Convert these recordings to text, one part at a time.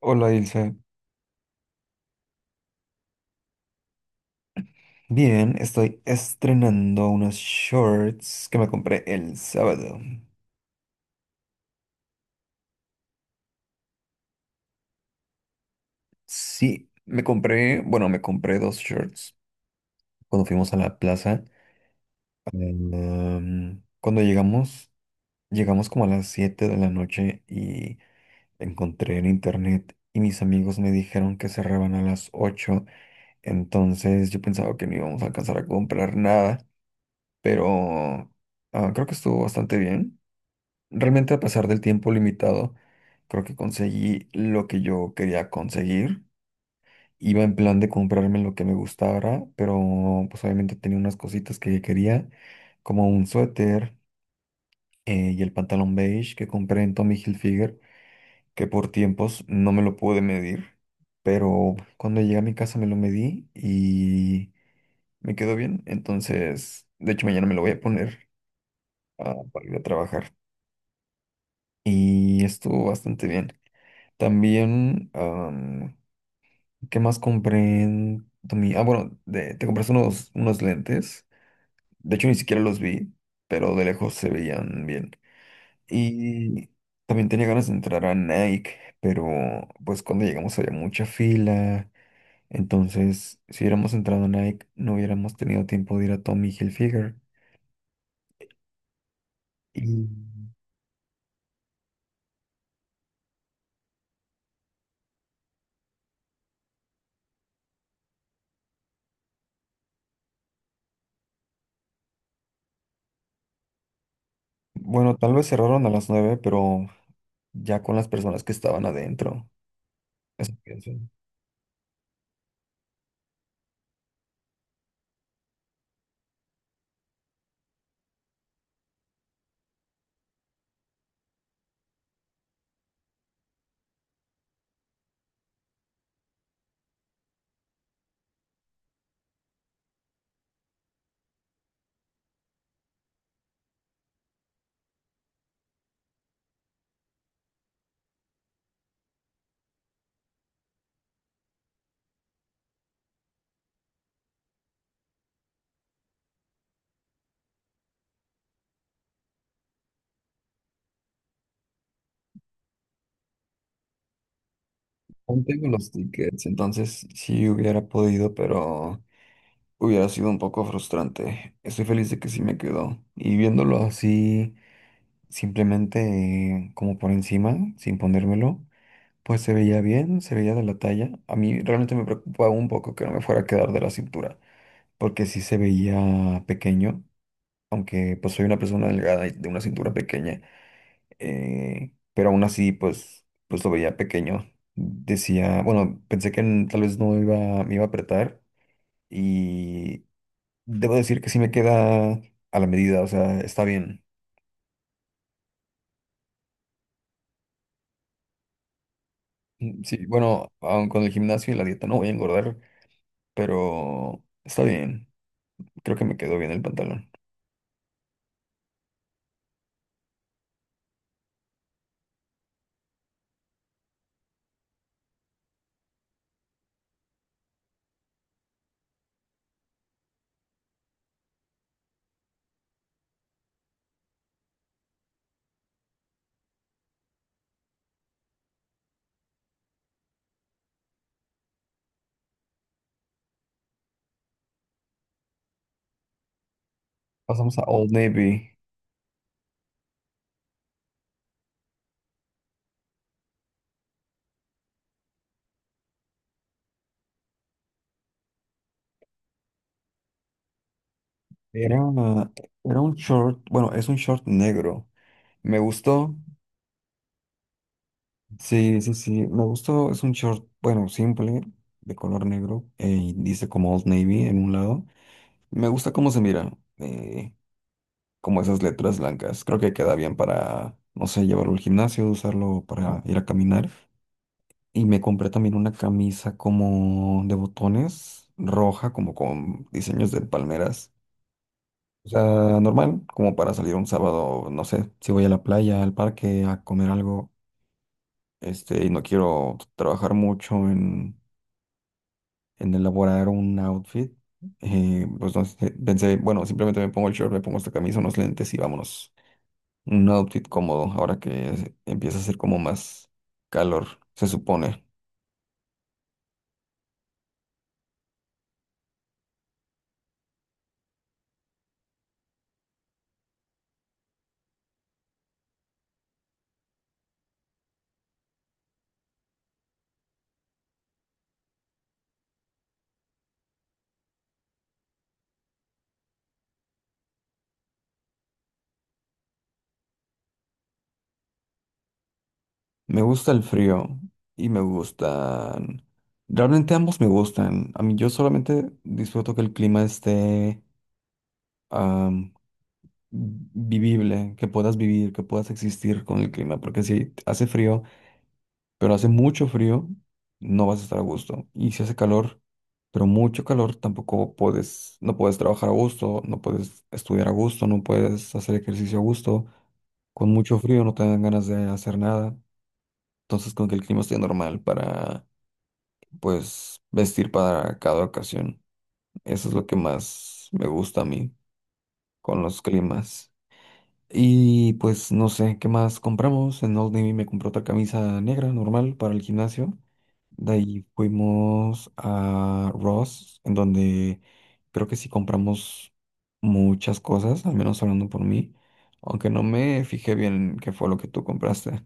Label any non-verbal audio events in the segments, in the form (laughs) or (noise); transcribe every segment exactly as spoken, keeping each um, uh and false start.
Hola Ilse. Bien, estoy estrenando unos shorts que me compré el sábado. Sí, me compré, bueno, me compré dos shorts cuando fuimos a la plaza. Em, cuando llegamos, llegamos como a las siete de la noche y encontré en internet y mis amigos me dijeron que cerraban a las ocho. Entonces yo pensaba que no íbamos a alcanzar a comprar nada, pero ah, creo que estuvo bastante bien. Realmente a pesar del tiempo limitado, creo que conseguí lo que yo quería conseguir. Iba en plan de comprarme lo que me gustara, pero pues obviamente tenía unas cositas que quería, como un suéter eh, y el pantalón beige que compré en Tommy Hilfiger, que por tiempos no me lo pude medir, pero cuando llegué a mi casa me lo medí y me quedó bien. Entonces, de hecho mañana me lo voy a poner ah, para ir a trabajar y estuvo bastante bien. También, am, ¿qué más compré en Tomi- Ah, bueno, de- te compraste unos, unos lentes? De hecho, ni siquiera los vi, pero de lejos se veían bien. Y también tenía ganas de entrar a Nike, pero pues cuando llegamos había mucha fila. Entonces, si hubiéramos entrado a Nike, no hubiéramos tenido tiempo de ir a Tommy Hilfiger. Y bueno, tal vez cerraron a las nueve pero ya con las personas que estaban adentro. Eso pienso. Aún tengo los tickets, entonces sí hubiera podido, pero hubiera sido un poco frustrante. Estoy feliz de que sí me quedó. Y viéndolo así, simplemente eh, como por encima, sin ponérmelo, pues se veía bien, se veía de la talla. A mí realmente me preocupaba un poco que no me fuera a quedar de la cintura, porque sí se veía pequeño, aunque pues soy una persona delgada y de una cintura pequeña eh, pero aún así, pues, pues lo veía pequeño. Decía, bueno, pensé que n- tal vez no iba, me iba a apretar y debo decir que sí me queda a la medida, o sea, está bien. Mm, sí, bueno, aun con el gimnasio y la dieta no voy a engordar, pero está bien. Creo que me quedó bien el pantalón. Pasamos a Old Navy. Era, una- Era un short, bueno, es un short negro. Me gustó. Sí, sí, sí. Me gustó. Es un short, bueno, simple, de color negro. Eh, y dice como Old Navy en un lado. Me gusta cómo se mira. eh, Como esas letras blancas. Creo que queda bien para, no sé, llevarlo al gimnasio, usarlo para ir a caminar. Y me compré también una camisa como de botones, roja, como con diseños de palmeras. O sea, normal, como para salir un sábado, no sé, si voy a la playa, al parque, a comer algo, este, y no quiero trabajar mucho en en elaborar un outfit, eh, pues no sé, pensé, bueno, simplemente me pongo el short, me pongo esta camisa, unos lentes y vámonos. Un outfit cómodo, ahora que es- empieza a hacer como más calor, se supone. Me gusta el frío y me gustan... Realmente ambos me gustan. A mí yo solamente disfruto que el clima esté am, vivible, que puedas vivir, que puedas existir con el clima, porque si hace frío... pero hace mucho frío, no vas a estar a gusto. Y si hace calor, pero mucho calor, tampoco puedes, no puedes trabajar a gusto, no puedes estudiar a gusto, no puedes hacer ejercicio a gusto. Con mucho frío no te dan ganas de hacer nada. Entonces, con que el clima esté normal para, pues, vestir para cada ocasión. Eso es lo que más me gusta a mí con los climas. Y pues no sé qué más compramos. En Old Navy me compró otra camisa negra normal para el gimnasio. De ahí fuimos a Ross, en donde creo que sí compramos muchas cosas, al menos hablando por mí, aunque no me fijé bien qué fue lo que tú compraste.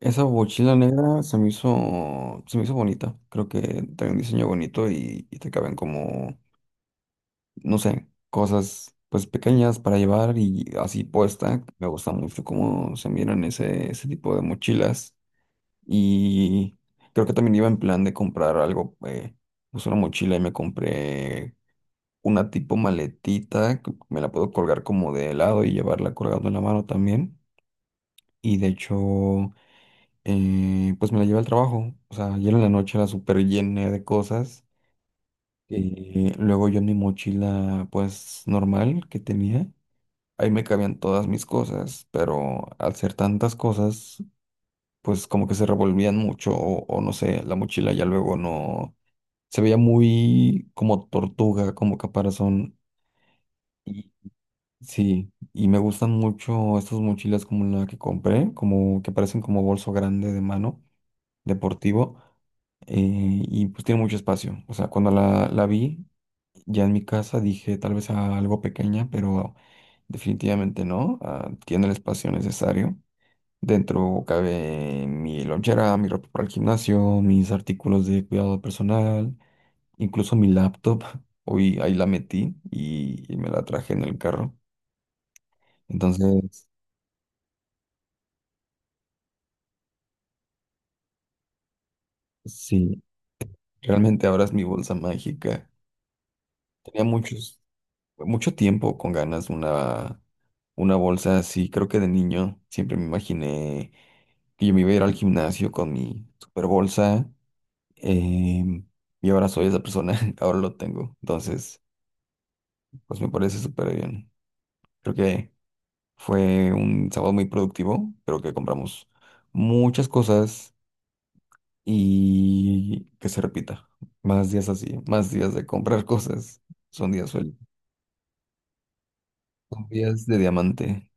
Esa mochila negra se me hizo, se me hizo bonita, creo que trae un diseño bonito y, y te caben como no sé, cosas pues pequeñas para llevar y así puesta. Me gusta mucho cómo se miran ese, ese tipo de mochilas. Y creo que también iba en plan de comprar algo, eh, pues una mochila y me compré una tipo maletita, que me la puedo colgar como de lado y llevarla colgando en la mano también. Y de hecho, eh, pues me la llevé al trabajo. O sea, ayer en la noche la super llené de cosas. Sí. Y luego yo en mi mochila, pues normal que tenía. Ahí me cabían todas mis cosas, pero al ser tantas cosas, pues como que se revolvían mucho o, o no sé, la mochila ya luego no... Se veía muy como tortuga, como caparazón. Y sí, y me gustan mucho estas mochilas como la que compré, como que parecen como bolso grande de mano, deportivo eh, y pues tiene mucho espacio. O sea, cuando la, la vi ya en mi casa dije tal vez a algo pequeña, pero definitivamente no. Ah, tiene el espacio necesario. Dentro cabe mi lonchera, mi ropa para el gimnasio, mis artículos de cuidado personal, incluso mi laptop. (laughs) Hoy ahí la metí y, y me la traje en el carro. Entonces, sí, realmente ahora es mi bolsa mágica. Tenía muchos. Mucho tiempo con ganas una, una bolsa así. Creo que de niño siempre me imaginé que yo me iba a ir al gimnasio con mi super bolsa. em, y ahora soy esa persona, (laughs) ahora lo tengo. Entonces, pues me parece súper bien. Creo que fue un sábado muy productivo. Creo que compramos muchas cosas y que se repita. Más días así, más días de comprar (laughs) cosas. Son días sueltos, son días de diamante.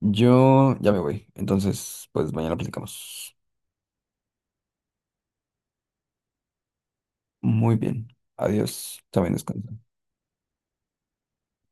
Yo ya me voy. Entonces, pues mañana platicamos. Muy bien. Adiós. También descansa.